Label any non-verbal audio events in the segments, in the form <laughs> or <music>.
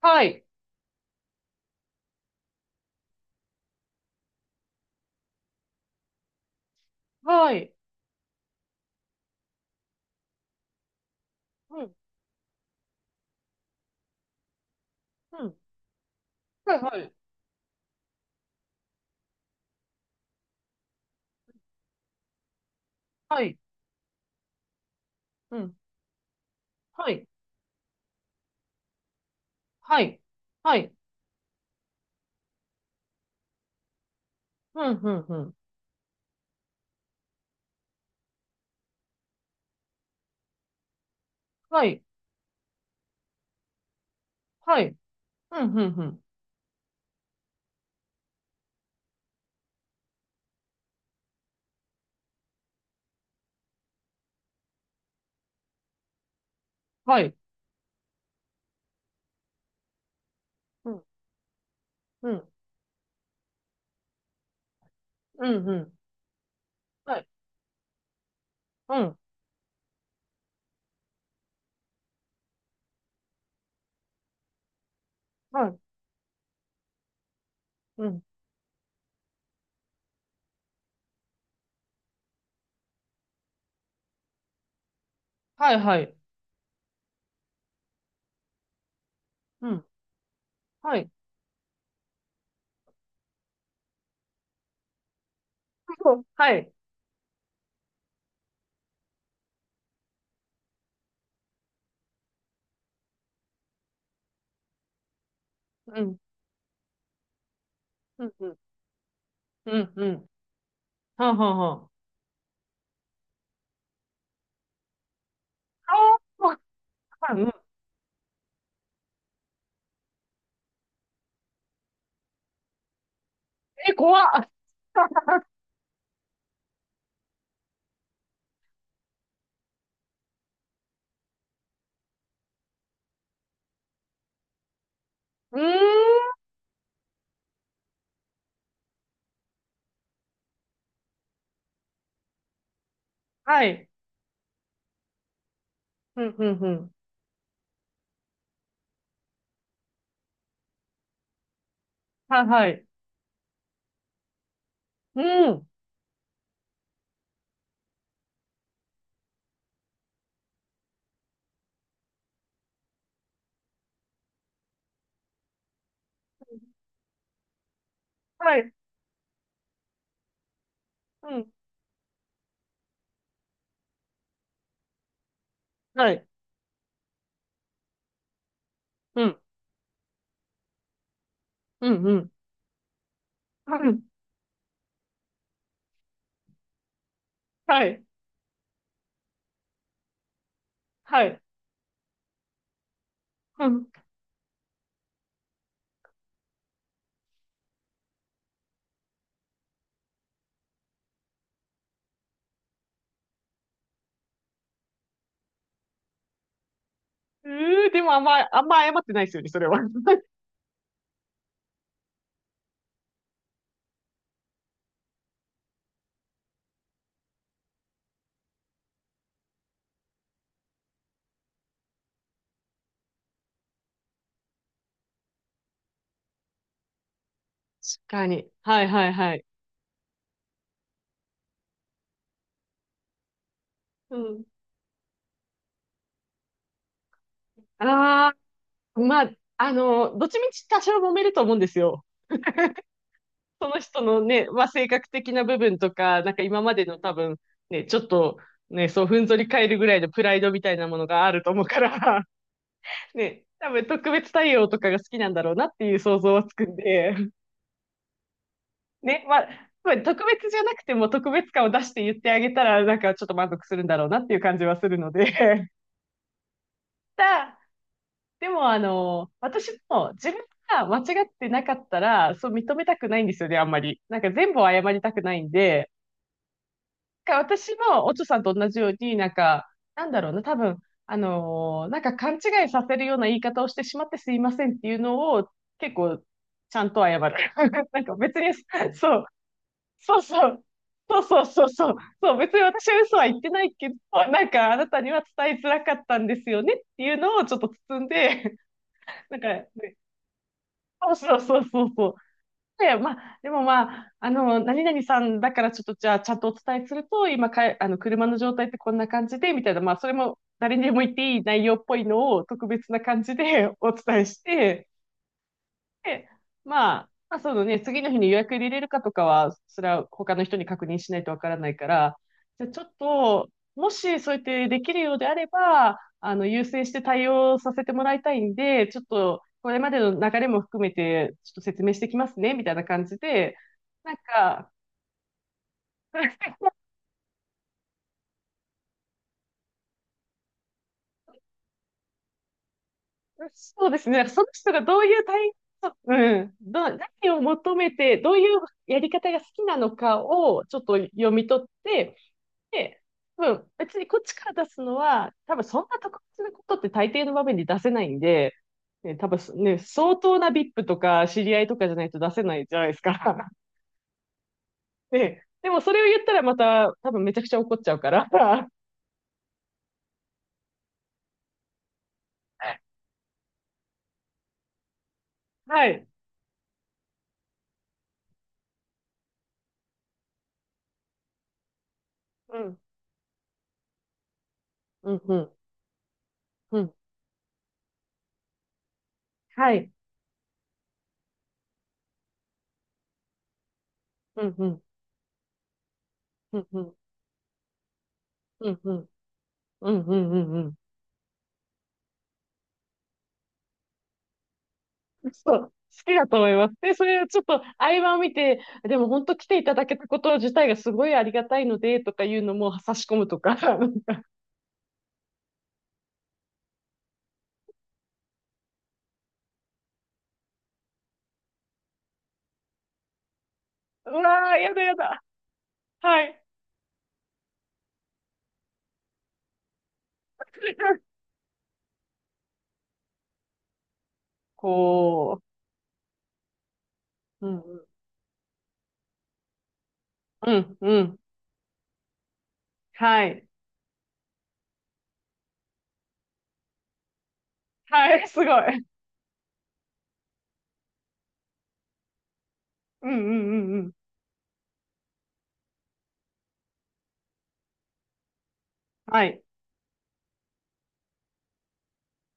はい。はい。うん。うん。はい。はい。はい。うん。はい。はい。はい。うん。うん。うん。はい。はい。うん。うん。うん。はい。うん。うん。うん。うん。はい。うん。はい。うん。はい。はい。うん。はい。はい。うん。うん。うん。うん。うん。はあはあはあ。ああ、うん。え、怖っ。うーん。はい。うん。うん。うん。はい。はい。うん。はい。うん。はい。うん。うん。うん。はい。はいはい。<laughs> うん。うー、でもあんま、あんま謝ってないですよね、それは。<laughs> 確かに。はいはいはい。うん。ああ、まあ、どっちみち多少揉めると思うんですよ。その人のね、まあ、性格的な部分とか、なんか今までの多分、ね、ちょっと、ね、そう、ふんぞり返るぐらいのプライドみたいなものがあると思うから、<laughs> ね、多分特別対応とかが好きなんだろうなっていう想像はつくんで、ね、まあ、特別じゃなくても特別感を出して言ってあげたら、なんかちょっと満足するんだろうなっていう感じはするので。<laughs> だ、でも私も自分が間違ってなかったら、そう認めたくないんですよね、あんまり。なんか全部を謝りたくないんで、なんか私もおちょさんと同じように、なんか、なんだろうな、多分、なんか勘違いさせるような言い方をしてしまってすいませんっていうのを結構ちゃんと謝る。<laughs> なんか別に、そう、そうそう。そうそうそうそう。そう、別に私は嘘は言ってないけど、なんかあなたには伝えづらかったんですよねっていうのをちょっと包んで、<laughs> なんか、ね、そうそうそうそうそう。で、まあ、でもまあ、何々さんだからちょっとじゃあちゃんとお伝えすると、今か、あの、車の状態ってこんな感じで、みたいな、まあ、それも誰にでも言っていい内容っぽいのを特別な感じで <laughs> お伝えして、で、まあ、まあ、そのね、次の日に予約入れれるかとかは、それは他の人に確認しないとわからないから、じゃあちょっと、もしそうやってできるようであれば、優先して対応させてもらいたいんで、ちょっと、これまでの流れも含めて、ちょっと説明してきますね、みたいな感じで、なんか、<laughs> そうですね、その人がどういううん、何を求めて、どういうやり方が好きなのかをちょっと読み取って、で、多分、別にこっちから出すのは、多分そんな特別なことって大抵の場面で出せないんで、ね、多分、相当な VIP とか知り合いとかじゃないと出せないじゃないですか。<laughs> で、でもそれを言ったらまた多分めちゃくちゃ怒っちゃうから。<laughs> はい。うん。うん、うん、うん。はい。うん、うん、うん、うん、うん、うん、うん、うん、うん。うんそう、好きだと思います。で、それをちょっと合間を見て、でも本当来ていただけたこと自体がすごいありがたいので、とかいうのも差し込むとか、<laughs> うわー、やだやだ。はい。<laughs> こう、うん、うん、うん、はい。はい、すごい。うん、うん、うん、うん。はい。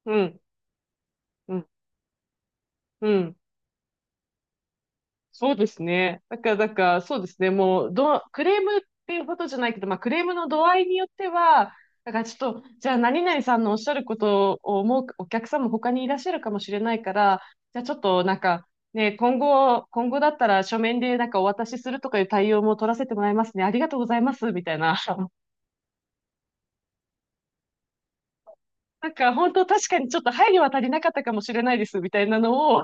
うん、うん、うん。そうですね。だから、そうですね。もう、クレームっていうことじゃないけど、まあ、クレームの度合いによっては、だからちょっと、じゃあ、何々さんのおっしゃることを思うお客さんも他にいらっしゃるかもしれないから、じゃあ、ちょっと、なんか、ね、今後だったら書面でなんかお渡しするとかいう対応も取らせてもらいますね。ありがとうございます、みたいな。<laughs> なんか、本当確かにちょっと配慮は足りなかったかもしれないです、みたいなのを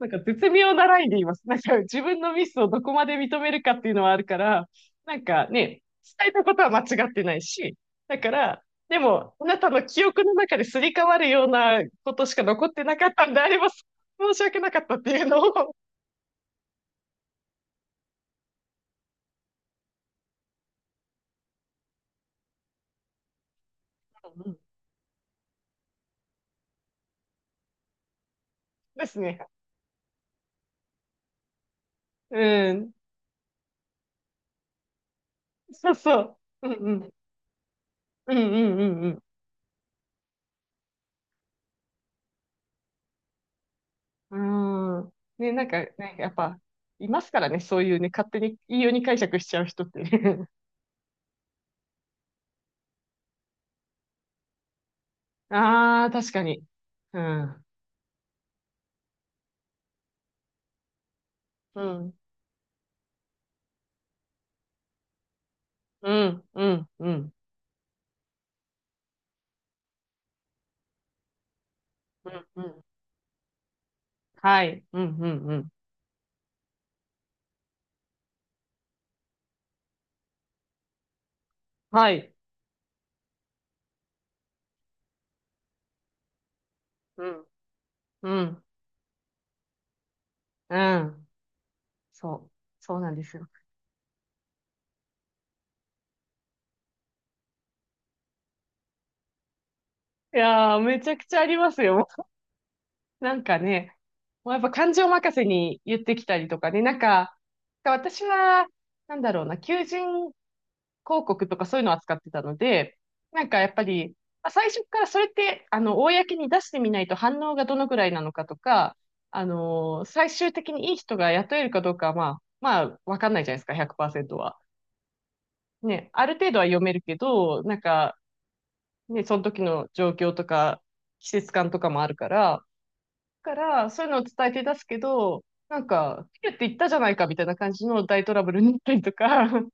なんか絶妙なラインで言います。なんか自分のミスをどこまで認めるかっていうのはあるから、なんかね、伝えたことは間違ってないし、だから、でも、あなたの記憶の中ですり替わるようなことしか残ってなかったんであれば、申し訳なかったっていうのを、うんですね。うん。そうそう。うんうん。うんうんうんうん。うーん。ね、なんか、ね、やっぱ、いますからね、そういうね、勝手に、いいように解釈しちゃう人ってね。<laughs> ああ、確かに。うん。うん、うん、うん、うん、うん、うん。はい、うん、うん、うん。はい、うん、うん、うん。そう、そうなんですよ。いやー、めちゃくちゃありますよ。なんかね、もうやっぱ感情任せに言ってきたりとかね、なんか、私は、なんだろうな、求人広告とかそういうのを扱ってたので、なんかやっぱり、まあ最初からそれって、公に出してみないと反応がどのくらいなのかとか、最終的にいい人が雇えるかどうかは、まあ、わかんないじゃないですか、100%は。ね、ある程度は読めるけど、なんか、ね、その時の状況とか、季節感とかもあるから、だから、そういうのを伝えて出すけど、なんか、ピュって言ったじゃないかみたいな感じの大トラブルになったりとか、<laughs>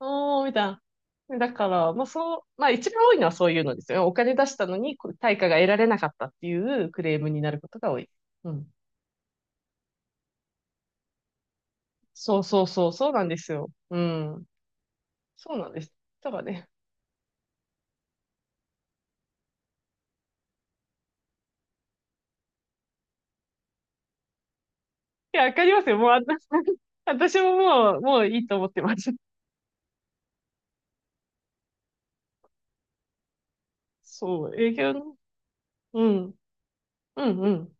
おー、みたいな。だから、まあそう、まあ一番多いのはそういうのですよね。お金出したのにこう対価が得られなかったっていうクレームになることが多い。うん。そう、そうなんですよ。うん。そうなんです。だからね。いや、わかりますよ。もう、あんな <laughs> 私ももう、もういいと思ってます。そう、営業の。うん。うん、うん、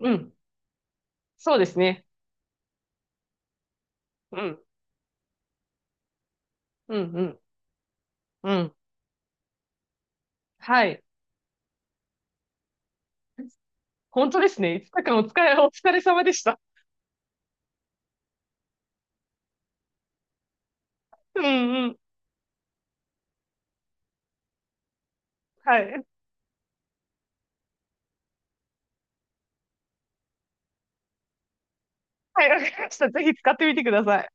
うん。そうですね。うん、うん、うん、うん。はい。本当ですね。5日間お疲れ、お疲れ様でした。うん、うん。はい。はい、わかりました。ぜひ使ってみてください。